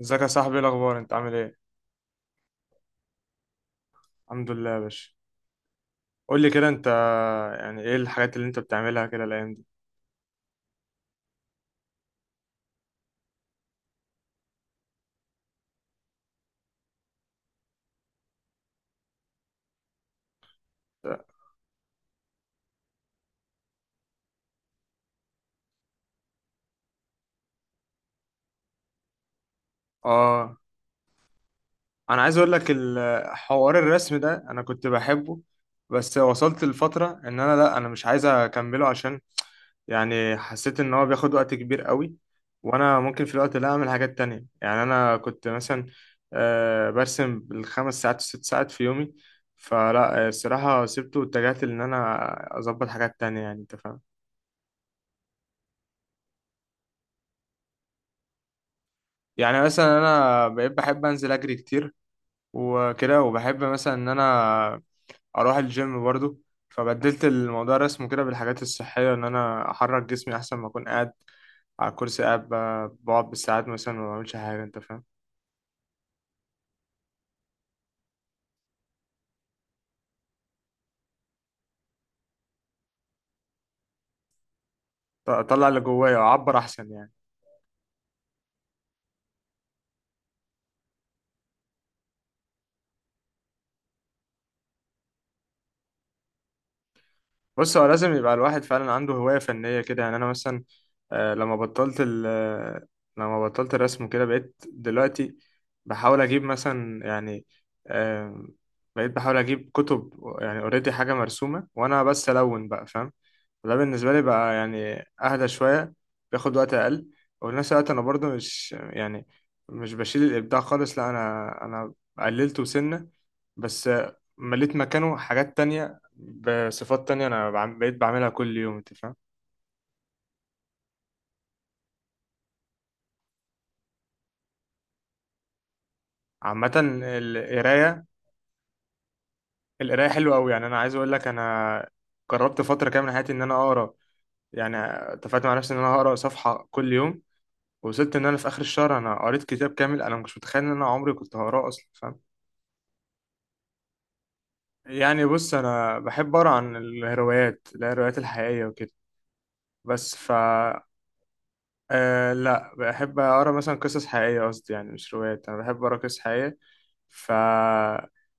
ازيك يا صاحبي؟ ايه الاخبار؟ انت عامل ايه؟ الحمد لله يا باشا. قول لي كده انت، يعني ايه الحاجات اللي انت بتعملها كده الايام دي؟ اه، انا عايز اقول لك حوار الرسم ده انا كنت بحبه، بس وصلت لفترة ان انا لا، انا مش عايز اكمله، عشان يعني حسيت ان هو بياخد وقت كبير قوي، وانا ممكن في الوقت ده اعمل حاجات تانية. يعني انا كنت مثلا برسم بالخمس ساعات وست ساعات في يومي، فلا الصراحة سبته واتجهت ان انا اظبط حاجات تانية، يعني انت فاهم. يعني مثلا انا بقيت بحب انزل اجري كتير وكده، وبحب مثلا ان انا اروح الجيم برضو، فبدلت الموضوع رسمه كده بالحاجات الصحيه، ان انا احرك جسمي احسن ما اكون قاعد على الكرسي، قاعد بقعد بالساعات مثلا وما بعملش حاجه، انت فاهم. اطلع اللي جوايا واعبر احسن يعني. بص، هو لازم يبقى الواحد فعلا عنده هواية فنية كده. يعني أنا مثلا لما بطلت ال آه، لما بطلت الرسم كده، بقيت دلوقتي بحاول أجيب مثلا، يعني آم، بقيت بحاول أجيب كتب، يعني أوريدي حاجة مرسومة وأنا بس ألون بقى، فاهم؟ وده بالنسبة لي بقى يعني أهدى شوية، بياخد وقت أقل. وفي نفس الوقت أنا برضو مش يعني مش بشيل الإبداع خالص، لا أنا قللته سنة بس، مليت مكانه حاجات تانية بصفات تانية أنا بقيت بعملها كل يوم، أنت فاهم. عامة القراية، القراية حلوة أوي. يعني أنا عايز أقول لك، أنا جربت فترة كاملة من حياتي إن أنا أقرأ. يعني اتفقت مع نفسي إن أنا هقرأ صفحة كل يوم، وصلت إن أنا في آخر الشهر أنا قريت كتاب كامل، أنا مش متخيل إن أنا عمري كنت هقراه أصلا، فاهم؟ يعني بص، انا بحب اقرا عن الهروايات الحقيقيه وكده، بس ف، آه لا، بحب اقرا مثلا قصص حقيقيه، قصدي يعني مش روايات، انا بحب اقرا قصص حقيقيه. ف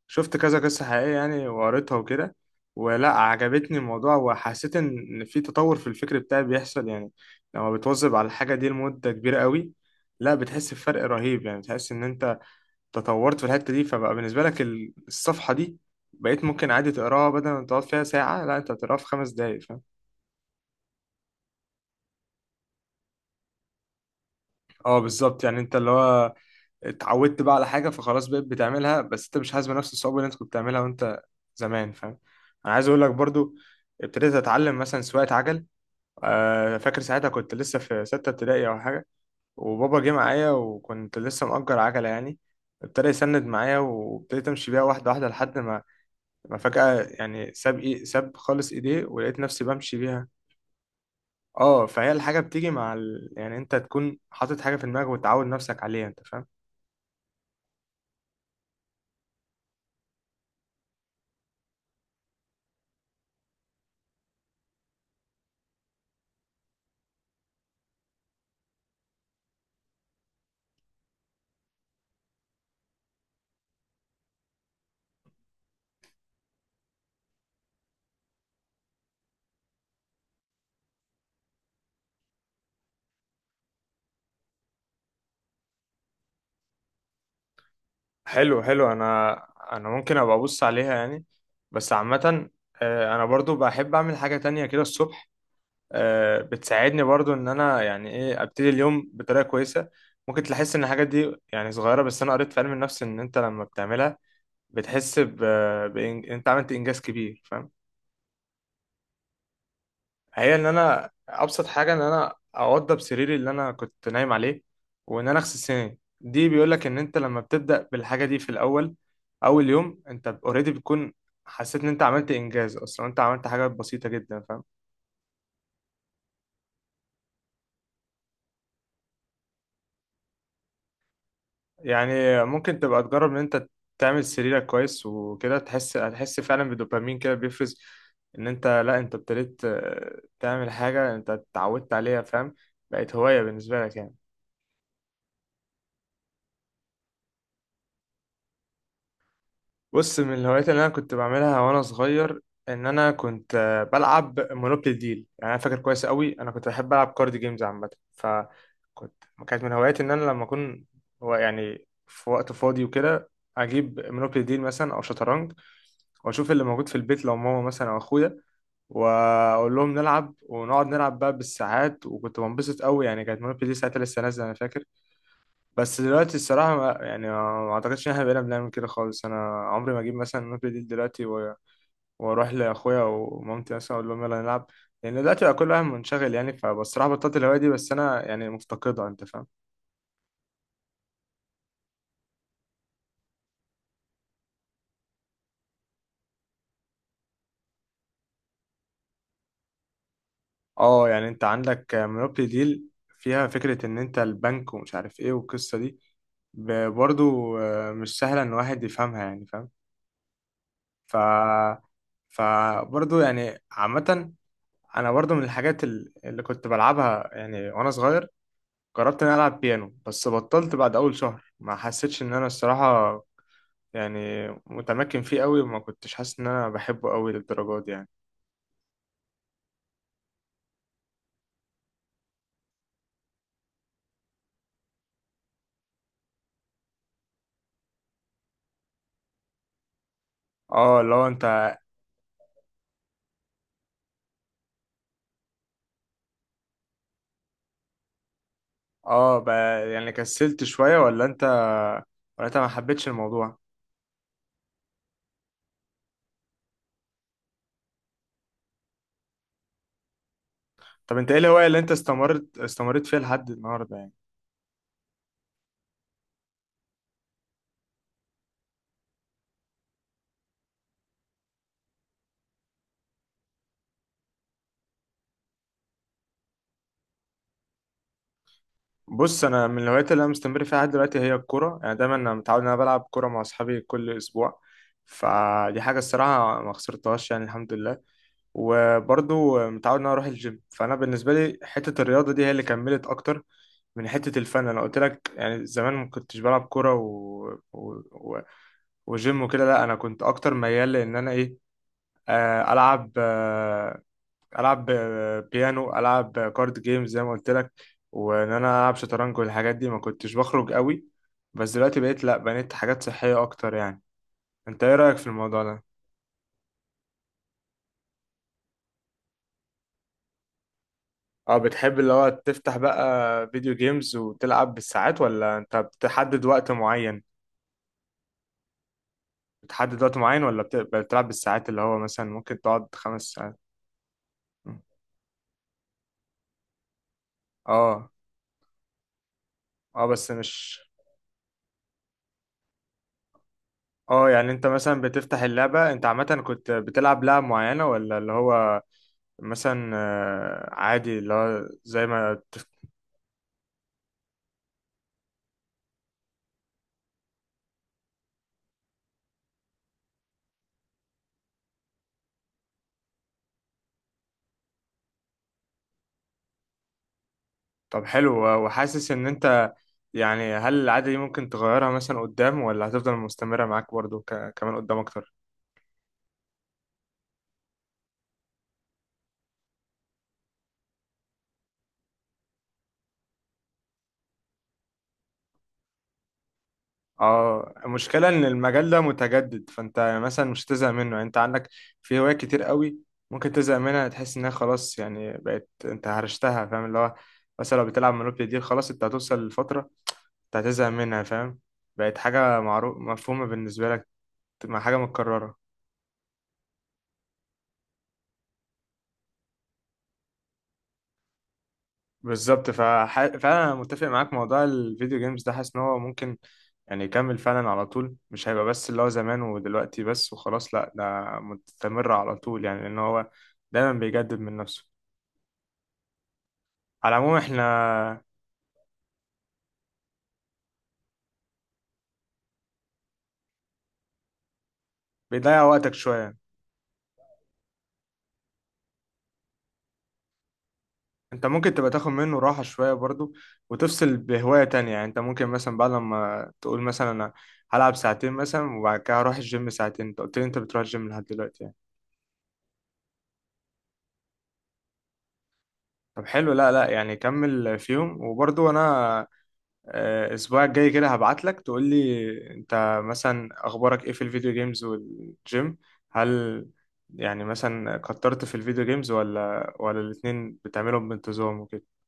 شفت كذا قصه حقيقيه يعني وقريتها وكده، ولا عجبتني الموضوع، وحسيت إن في تطور في الفكر بتاعي بيحصل يعني. لما بتواظب على الحاجه دي لمده كبيره قوي، لا بتحس بفرق رهيب، يعني بتحس ان انت تطورت في الحتة دي، فبقى بالنسبة لك الصفحة دي بقيت ممكن عادي تقراها بدل ما تقعد فيها ساعة، لا انت هتقراها في خمس دقايق، فاهم؟ اه بالظبط. يعني انت اللي هو اتعودت بقى على حاجة، فخلاص بقيت بتعملها، بس انت مش حاسس بنفس الصعوبة اللي انت كنت بتعملها وانت زمان، فاهم؟ انا عايز اقول لك برضو، ابتديت اتعلم مثلا سواقة عجل، فاكر ساعتها كنت لسه في ستة ابتدائي او حاجة، وبابا جه معايا وكنت لسه مأجر عجلة يعني. ابتدى يسند معايا وابتديت امشي بيها واحدة واحدة، لحد ما انا فجأة يعني ساب خالص ايديه، ولقيت نفسي بمشي بيها. اه، فهي الحاجة بتيجي مع يعني انت تكون حاطط حاجة في دماغك وتعود نفسك عليها، انت فاهم. حلو. انا انا ممكن ابقى ابص عليها يعني، بس عامة انا برضو بحب اعمل حاجة تانية كده الصبح، بتساعدني برضو ان انا يعني ايه ابتدي اليوم بطريقة كويسة. ممكن تحس ان الحاجات دي يعني صغيرة، بس انا قريت في علم النفس ان انت لما بتعملها بتحس ب... انت عملت انجاز كبير، فاهم؟ هي ان انا ابسط حاجه، ان انا اوضب سريري اللي انا كنت نايم عليه، وان انا اغسل سناني. دي بيقول لك ان انت لما بتبدا بالحاجه دي في الاول، اول يوم انت اوريدي بتكون حسيت ان انت عملت انجاز، اصلا انت عملت حاجه بسيطه جدا، فاهم؟ يعني ممكن تبقى تجرب ان انت تعمل سريرك كويس وكده، تحس، هتحس فعلا بدوبامين كده بيفرز، ان انت لا، انت ابتديت تعمل حاجه انت اتعودت عليها، فاهم؟ بقت هوايه بالنسبه لك يعني. بص، من الهوايات اللي انا كنت بعملها وانا صغير، ان انا كنت بلعب مونوبولي ديل. يعني انا فاكر كويس قوي، انا كنت بحب العب كارد جيمز عامه، فكنت كانت من هواياتي ان انا لما اكون، هو يعني في وقت فاضي وكده، اجيب مونوبولي ديل مثلا او شطرنج، واشوف اللي موجود في البيت، لو ماما مثلا او اخويا، واقول لهم نلعب، ونقعد نلعب بقى بالساعات، وكنت بنبسط قوي يعني. كانت مونوبولي دي ساعتها لسه نازله، انا فاكر. بس دلوقتي الصراحة ما يعني ما أعتقدش إن إحنا بقينا بنعمل كده خالص. أنا عمري ما أجيب مثلا نوت دي دلوقتي وأروح لأخويا ومامتي مثلا أقول لهم يلا نلعب، لأن دلوقتي بقى كل واحد منشغل يعني. فبصراحة بطلت الهواية دي، بس أنا يعني مفتقدها، أنت فاهم. أه، يعني أنت عندك مونوبولي ديل، فيها فكرة إن أنت البنك ومش عارف إيه والقصة دي، برضو مش سهلة إن واحد يفهمها يعني، فاهم؟ ف فبرضو يعني عامة، أنا برضو من الحاجات اللي كنت بلعبها يعني وأنا صغير، جربت اني العب بيانو، بس بطلت بعد اول شهر، ما حسيتش ان انا الصراحه يعني متمكن فيه قوي، وما كنتش حاسس ان انا بحبه قوي للدرجه دي يعني. اه لو انت، اه يعني كسلت شويه، ولا انت، ولا انت ما حبيتش الموضوع؟ طب انت ايه الهوايه اللي انت استمريت فيها لحد النهارده يعني؟ بص، انا من الهوايات اللي انا مستمر فيها لحد دلوقتي هي الكوره. يعني دايما انا متعود ان انا بلعب كوره مع اصحابي كل اسبوع، فدي حاجه الصراحه ما خسرتهاش يعني، الحمد لله. وبرضه متعود ان انا اروح الجيم، فانا بالنسبه لي حته الرياضه دي هي اللي كملت اكتر من حته الفن. انا قلت لك يعني زمان ما كنتش بلعب كوره و... و... وجيم وكده، لا انا كنت اكتر ميال لان انا ايه، العب العب بيانو، العب كارد جيمز زي ما قلت لك، وان انا العب شطرنج والحاجات دي، ما كنتش بخرج قوي. بس دلوقتي بقيت لا، بنيت حاجات صحيه اكتر يعني. انت ايه رايك في الموضوع ده؟ اه، بتحب اللي هو تفتح بقى فيديو جيمز وتلعب بالساعات، ولا انت بتحدد وقت معين؟ بتحدد وقت معين ولا بتلعب بالساعات، اللي هو مثلا ممكن تقعد خمس ساعات؟ اه، اه بس مش، اه يعني انت مثلا بتفتح اللعبة، انت عامة كنت بتلعب لعبة معينة، ولا اللي هو مثلا عادي اللي هو زي ما طب حلو. وحاسس ان انت، يعني هل العادة دي ممكن تغيرها مثلا قدام، ولا هتفضل مستمرة معاك برضو كمان قدام اكتر؟ اه، المشكلة ان المجال ده متجدد، فانت مثلا مش هتزهق منه. يعني انت عندك في هوايات كتير قوي ممكن تزهق منها، تحس انها خلاص يعني بقت انت هرشتها، فاهم؟ اللي هو مثلا لو بتلعب مونوبولي دي، خلاص انت هتوصل لفترة انت هتزهق منها، فاهم؟ بقت حاجة معروف مفهومة بالنسبة لك، تبقى حاجة متكررة. بالظبط. فانا متفق معاك، موضوع الفيديو جيمز ده حاسس ان هو ممكن يعني يكمل فعلا على طول، مش هيبقى بس اللي هو زمان ودلوقتي بس وخلاص، لا ده مستمر على طول يعني، لأن هو دايما بيجدد من نفسه. على العموم احنا، بيضيع وقتك شوية، انت ممكن تبقى تاخد منه راحة شوية برضو، وتفصل بهواية تانية. يعني انت ممكن مثلا بعد لما تقول مثلا انا هلعب ساعتين مثلا، وبعد كده هروح الجيم ساعتين، انت قلت لي انت بتروح الجيم لحد دلوقتي يعني. طب حلو، لا، لا، يعني كمل فيهم. وبرضو انا الاسبوع الجاي كده هبعت لك تقول لي انت مثلا اخبارك ايه في الفيديو جيمز والجيم، هل يعني مثلا كترت في الفيديو جيمز، ولا الاتنين بتعملهم بانتظام وكده؟